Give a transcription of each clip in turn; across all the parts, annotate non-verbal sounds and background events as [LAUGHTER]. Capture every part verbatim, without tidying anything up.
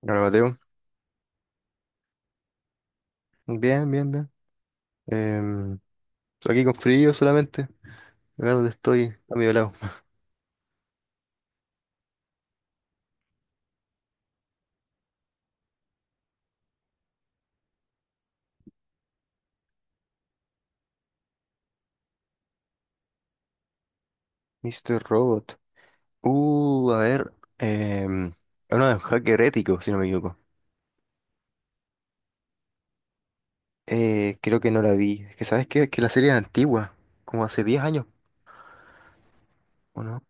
Hola, Mateo. Bien, bien, bien. Em, estoy aquí con frío solamente. Acá dónde estoy, a mi lado. mister Robot. Uh, a ver. Em, es uno de los hacker ético, si no me equivoco. Eh, creo que no la vi. Es que, ¿sabes qué? Es que la serie es antigua. Como hace diez años, ¿o no?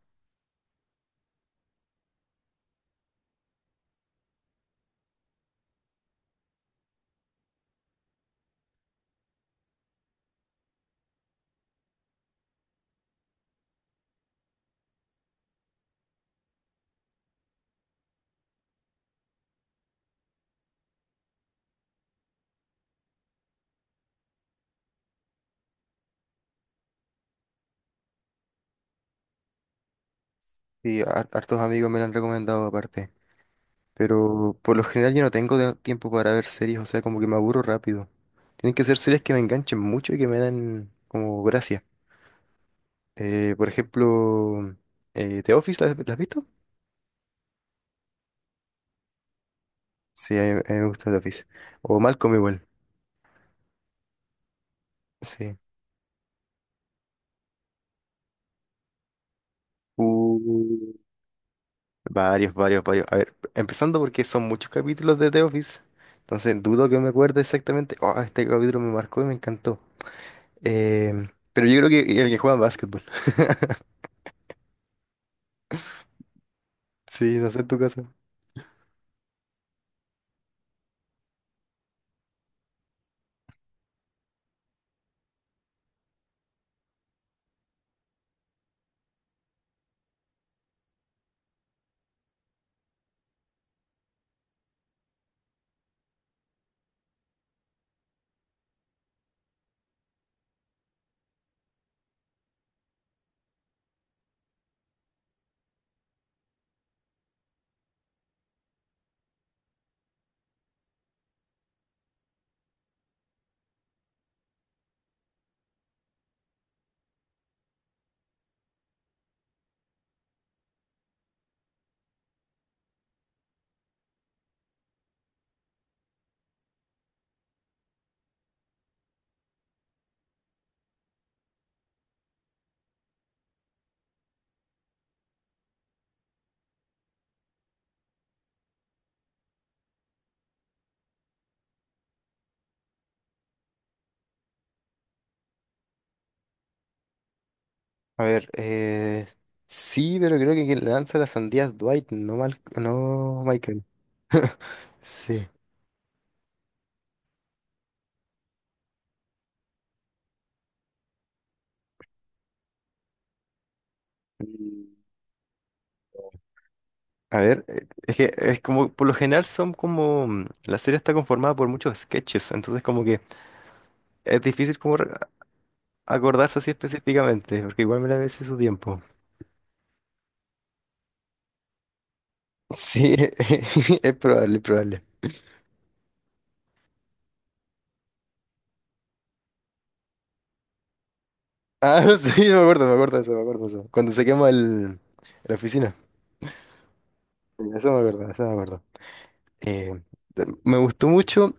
Sí, har- hartos amigos me la han recomendado aparte. Pero por lo general yo no tengo de- tiempo para ver series. O sea, como que me aburro rápido. Tienen que ser series que me enganchen mucho y que me den como gracia. Eh, por ejemplo, eh, The Office, ¿la, la has visto? Sí, a mí, a mí me gusta The Office. O Malcolm igual, sí. Uh, Varios, varios, varios. A ver, empezando porque son muchos capítulos de The Office, entonces dudo que me acuerde exactamente. Oh, este capítulo me marcó y me encantó. Em, pero yo creo que el que juega básquetbol. [LAUGHS] Sí, no sé en tu caso. A ver, eh, sí, pero creo que quien lanza las sandías es Dwight, no, Mal- no Michael. [LAUGHS] Sí. A ver, eh, es que es como, por lo general son como, mm, la serie está conformada por muchos sketches, entonces como que es difícil como re- acordarse así específicamente, porque igual me la vi hace su tiempo. Sí, [LAUGHS] es probable, es probable. Ah, [LAUGHS] sí, me acuerdo, me acuerdo de eso, me acuerdo de eso. Cuando se quema el, la oficina. Sí, eso me acuerdo, eso me acuerdo. Eh, de- Me gustó mucho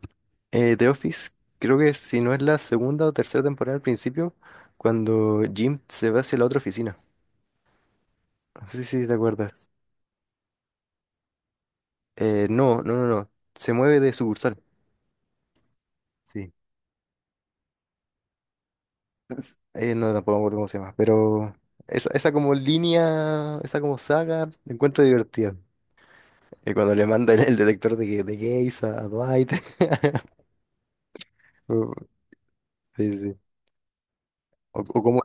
eh, The Office, creo que si no es la segunda o tercera temporada al principio, cuando Jim se va hacia la otra oficina. No sé si te acuerdas. Eh, no, no, no, no. Se mueve de sucursal. Sí. Eh, no, tampoco me acuerdo cómo se llama. Pero esa, esa como línea, esa como saga, la encuentro divertida. Eh, cuando le manda el, el detector de, ge- de gays a, a Dwight. [LAUGHS] Uh, Sí, sí, sí. O, o como...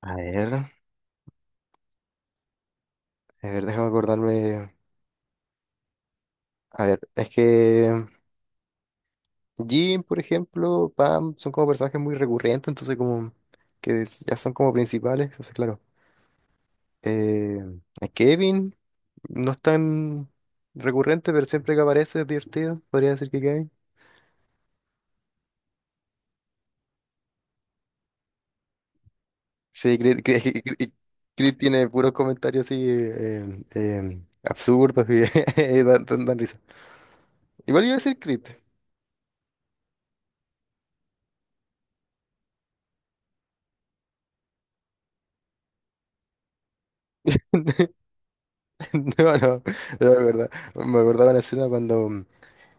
A ver, a ver, déjame acordarme. A ver, es que Jim, por ejemplo, Pam, son como personajes muy recurrentes, entonces como que es- ya son como principales. Entonces, claro. Eh, a Kevin no es tan recurrente, pero siempre que aparece es divertido. Podría decir que Kevin. Sí, Chris, Chris- Chris- Chris tiene puros comentarios así eh, eh, absurdos y [LAUGHS] dan, dan- dan risa. Igual iba a decir Chris. [LAUGHS] No, no, no me acordaba. Me acordaba la escena cuando mm,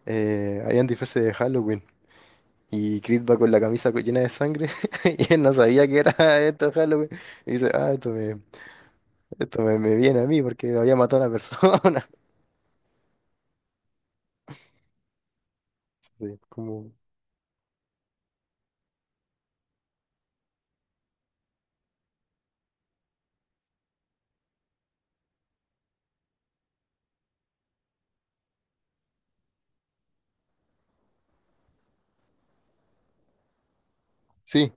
eh, habían disfraces de Halloween y Creed va con la camisa co- llena de sangre [LAUGHS] y él no sabía que era [LAUGHS] esto Halloween. Y dice, ah, esto me, esto me, me viene a mí porque había matado a una persona. Sí, como... Sí,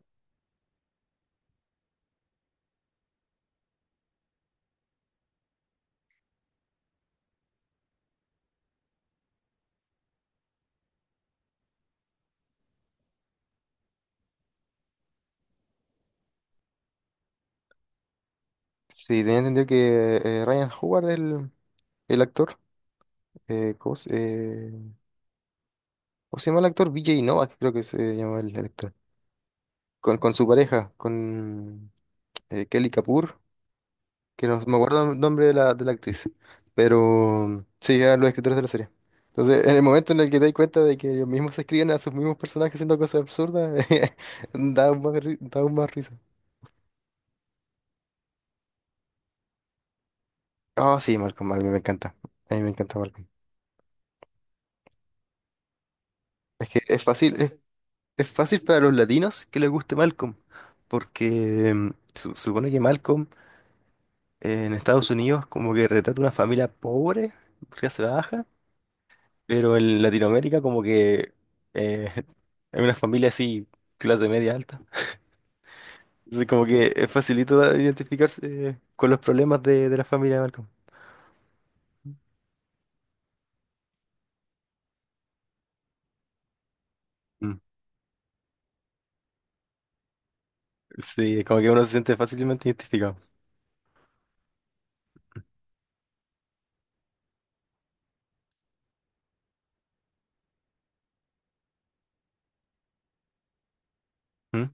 sí, tenía entendido que eh, Ryan Howard, el, el actor, eh, ¿cómo se, eh, ¿cómo se llama el actor? Vijay Novak, creo que se llama el, el actor. Con, con su pareja, con eh, Kelly Kapoor, que no me acuerdo el nombre de la, de la actriz, pero mm, sí, eran los escritores de la serie. Entonces, en el momento en el que te das cuenta de que ellos mismos se escriben a sus mismos personajes haciendo cosas absurdas, [LAUGHS] da aún más, ri- da aún más risa. Oh, sí, Malcolm, a mí me encanta. A mí me encanta Malcolm. Es que es fácil. Es fácil para los latinos que les guste Malcolm, porque mm, su- supone que Malcolm eh, en Estados Unidos como que retrata una familia pobre, clase baja, pero en Latinoamérica como que eh, [LAUGHS] hay una familia así, clase media alta. Entonces como que es facilito identificarse eh, con los problemas de, de la familia de Malcolm. Mm. Sí, como que uno se siente fácilmente identificado. ¿Mm?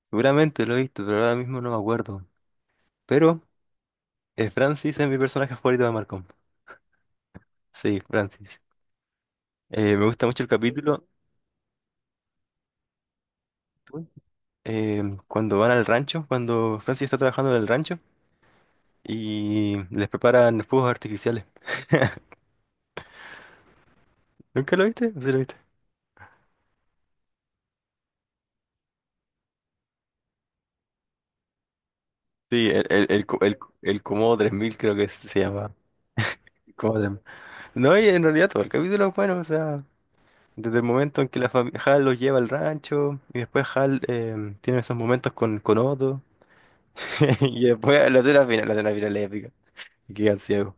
Seguramente lo he visto, pero ahora mismo no me acuerdo. Pero eh, Francis es mi personaje favorito de Malcolm. Sí, Francis. Eh, me gusta mucho el capítulo eh, cuando van al rancho, cuando Francis está trabajando en el rancho y les preparan fuegos artificiales. [LAUGHS] ¿Nunca lo viste? ¿Sí lo viste? Sí, el, el, el, co- el, el Komodo tres mil creo que se llama. Komodo tres mil. No, y en realidad todo el capítulo es bueno, o sea, desde el momento en que la fami- Hal los lleva al rancho y después Hal eh, tiene esos momentos con, con Otto [LAUGHS] y después la escena final, la escena final es épica, y quedan ciegos.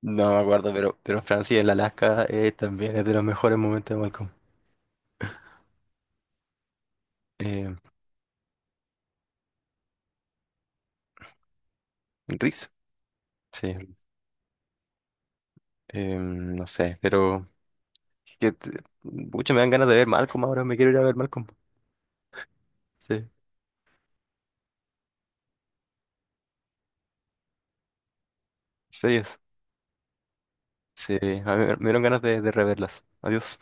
No me acuerdo, pero, pero Francia, el Alaska, eh, también es de los mejores momentos de Malcolm. Eh, Reese, sí. Eh, no sé, pero que te- pucha, me dan ganas de ver Malcolm ahora, me quiero ir a ver Malcolm. Sí, sí, es. Sí, a mí me me dieron ganas de, de reverlas. Adiós.